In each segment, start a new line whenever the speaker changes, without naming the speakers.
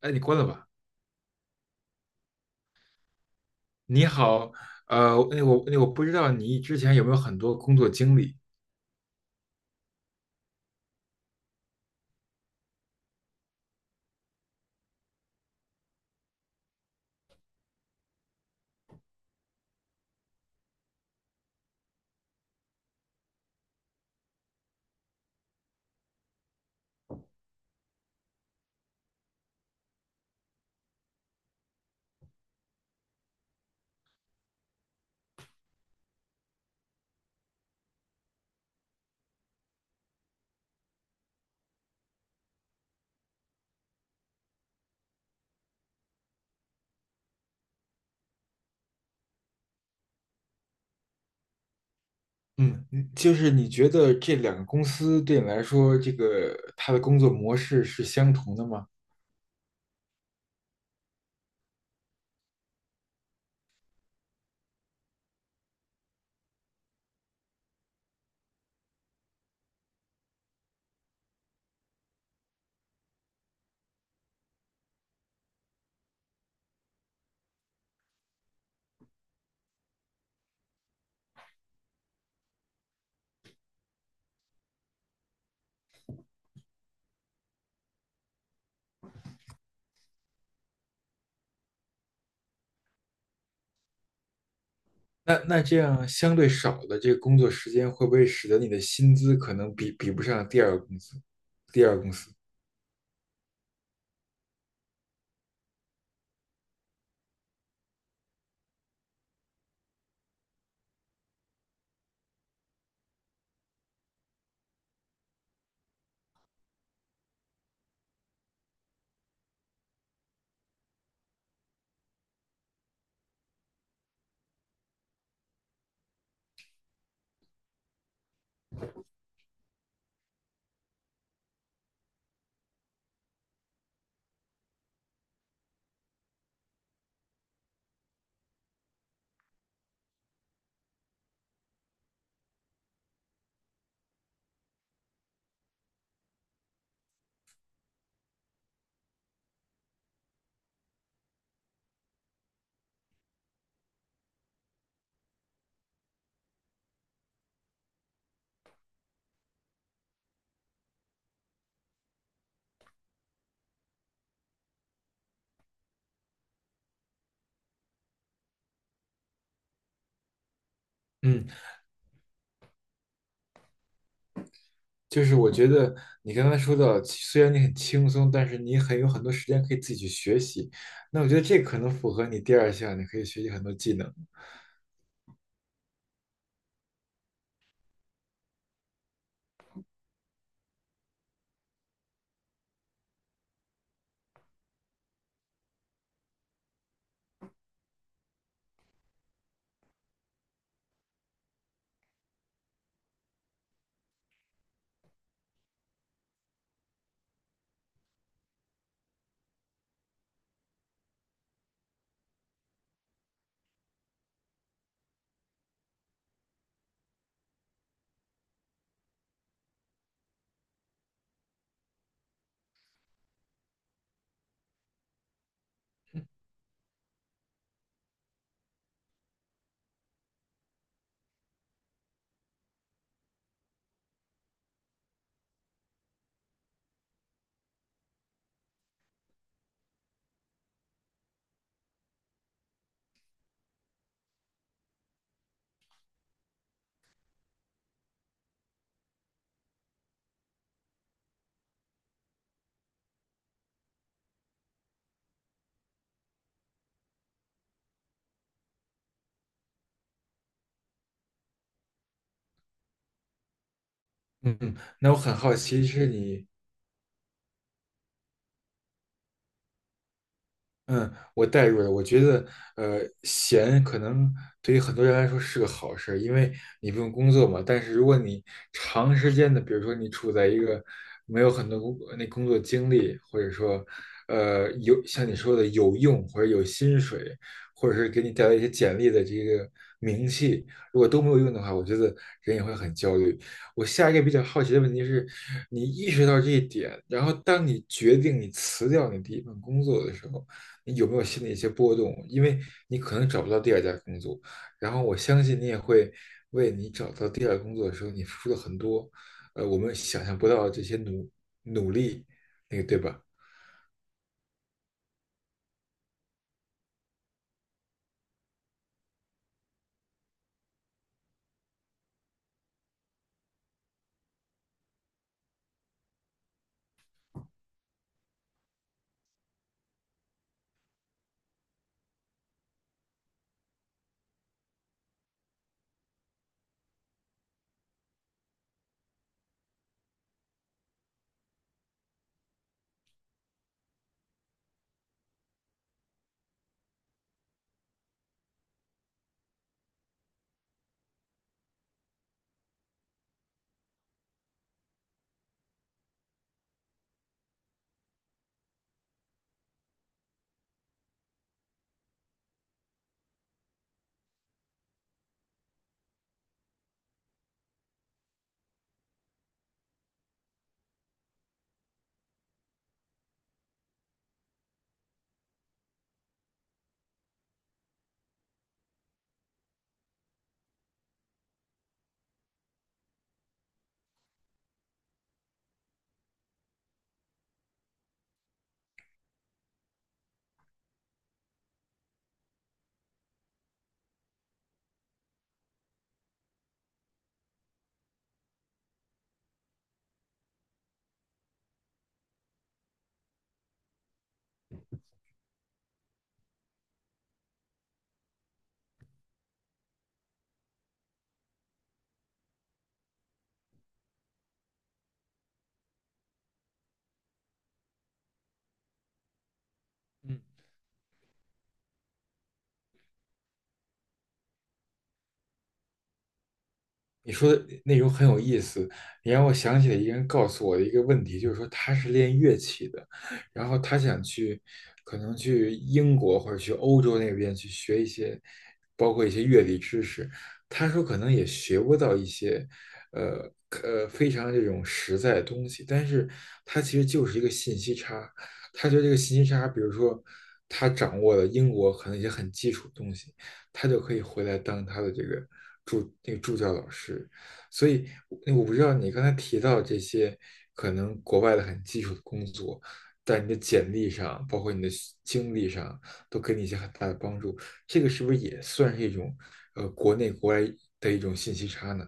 哎，你关了吧。你好，那我不知道你之前有没有很多工作经历。嗯，你就是你觉得这两个公司对你来说，这个它的工作模式是相同的吗？那这样相对少的这个工作时间，会不会使得你的薪资可能比不上第二个公司？第二个公司，嗯，就是我觉得你刚才说到，虽然你很轻松，但是你很有很多时间可以自己去学习。那我觉得这可能符合你第二项，你可以学习很多技能。嗯，那我很好奇，是你，嗯，我代入了。我觉得，闲可能对于很多人来说是个好事儿，因为你不用工作嘛。但是如果你长时间的，比如说你处在一个没有很多工作经历，或者说，有像你说的有用或者有薪水，或者是给你带来一些简历的这个名气，如果都没有用的话，我觉得人也会很焦虑。我下一个比较好奇的问题是，你意识到这一点，然后当你决定你辞掉你第一份工作的时候。你有没有心里一些波动？因为你可能找不到第二家工作，然后我相信你也会为你找到第二个工作的时候，你付出了很多，我们想象不到的这些努力，那个对吧？嗯。你说的内容很有意思，你让我想起了一个人告诉我的一个问题，就是说他是练乐器的，然后他想去，可能去英国或者去欧洲那边去学一些，包括一些乐理知识。他说可能也学不到一些，呃非常这种实在的东西，但是他其实就是一个信息差。他觉得这个信息差，比如说他掌握了英国可能一些很基础的东西，他就可以回来当他的这个助那个助教老师。所以我不知道你刚才提到这些可能国外的很基础的工作，在你的简历上，包括你的经历上，都给你一些很大的帮助。这个是不是也算是一种国内国外的一种信息差呢？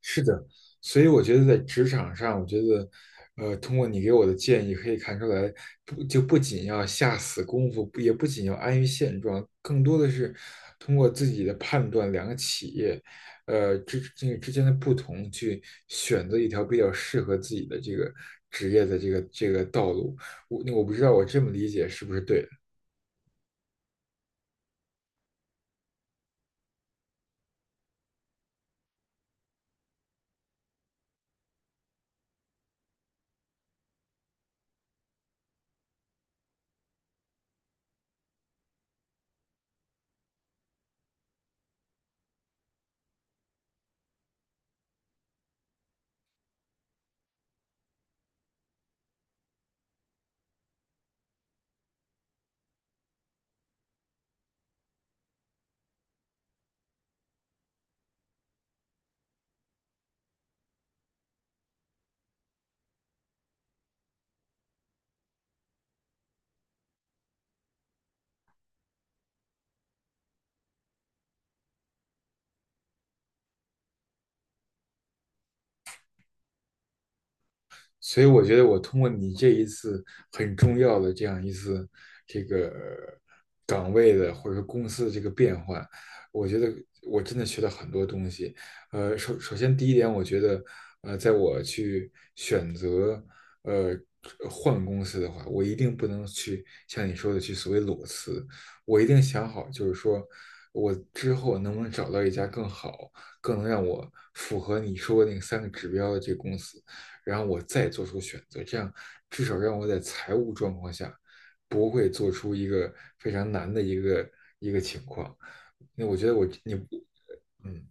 是的，所以我觉得在职场上，我觉得，通过你给我的建议，可以看出来，不仅要下死功夫，不仅要安于现状，更多的是通过自己的判断，两个企业，这个之间的不同，去选择一条比较适合自己的这个职业的这个道路。我不知道我这么理解是不是对的。所以我觉得我通过你这一次很重要的这样一次这个岗位的或者说公司的这个变换，我觉得我真的学到很多东西。首先第一点，我觉得在我去选择呃换公司的话，我一定不能去像你说的去所谓裸辞，我一定想好，就是说我之后能不能找到一家更好、更能让我符合你说的那三个指标的这个公司。然后我再做出选择，这样至少让我在财务状况下不会做出一个非常难的一个情况。那我觉得我你嗯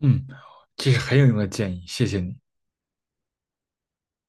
嗯，这是很有用的建议，谢谢你。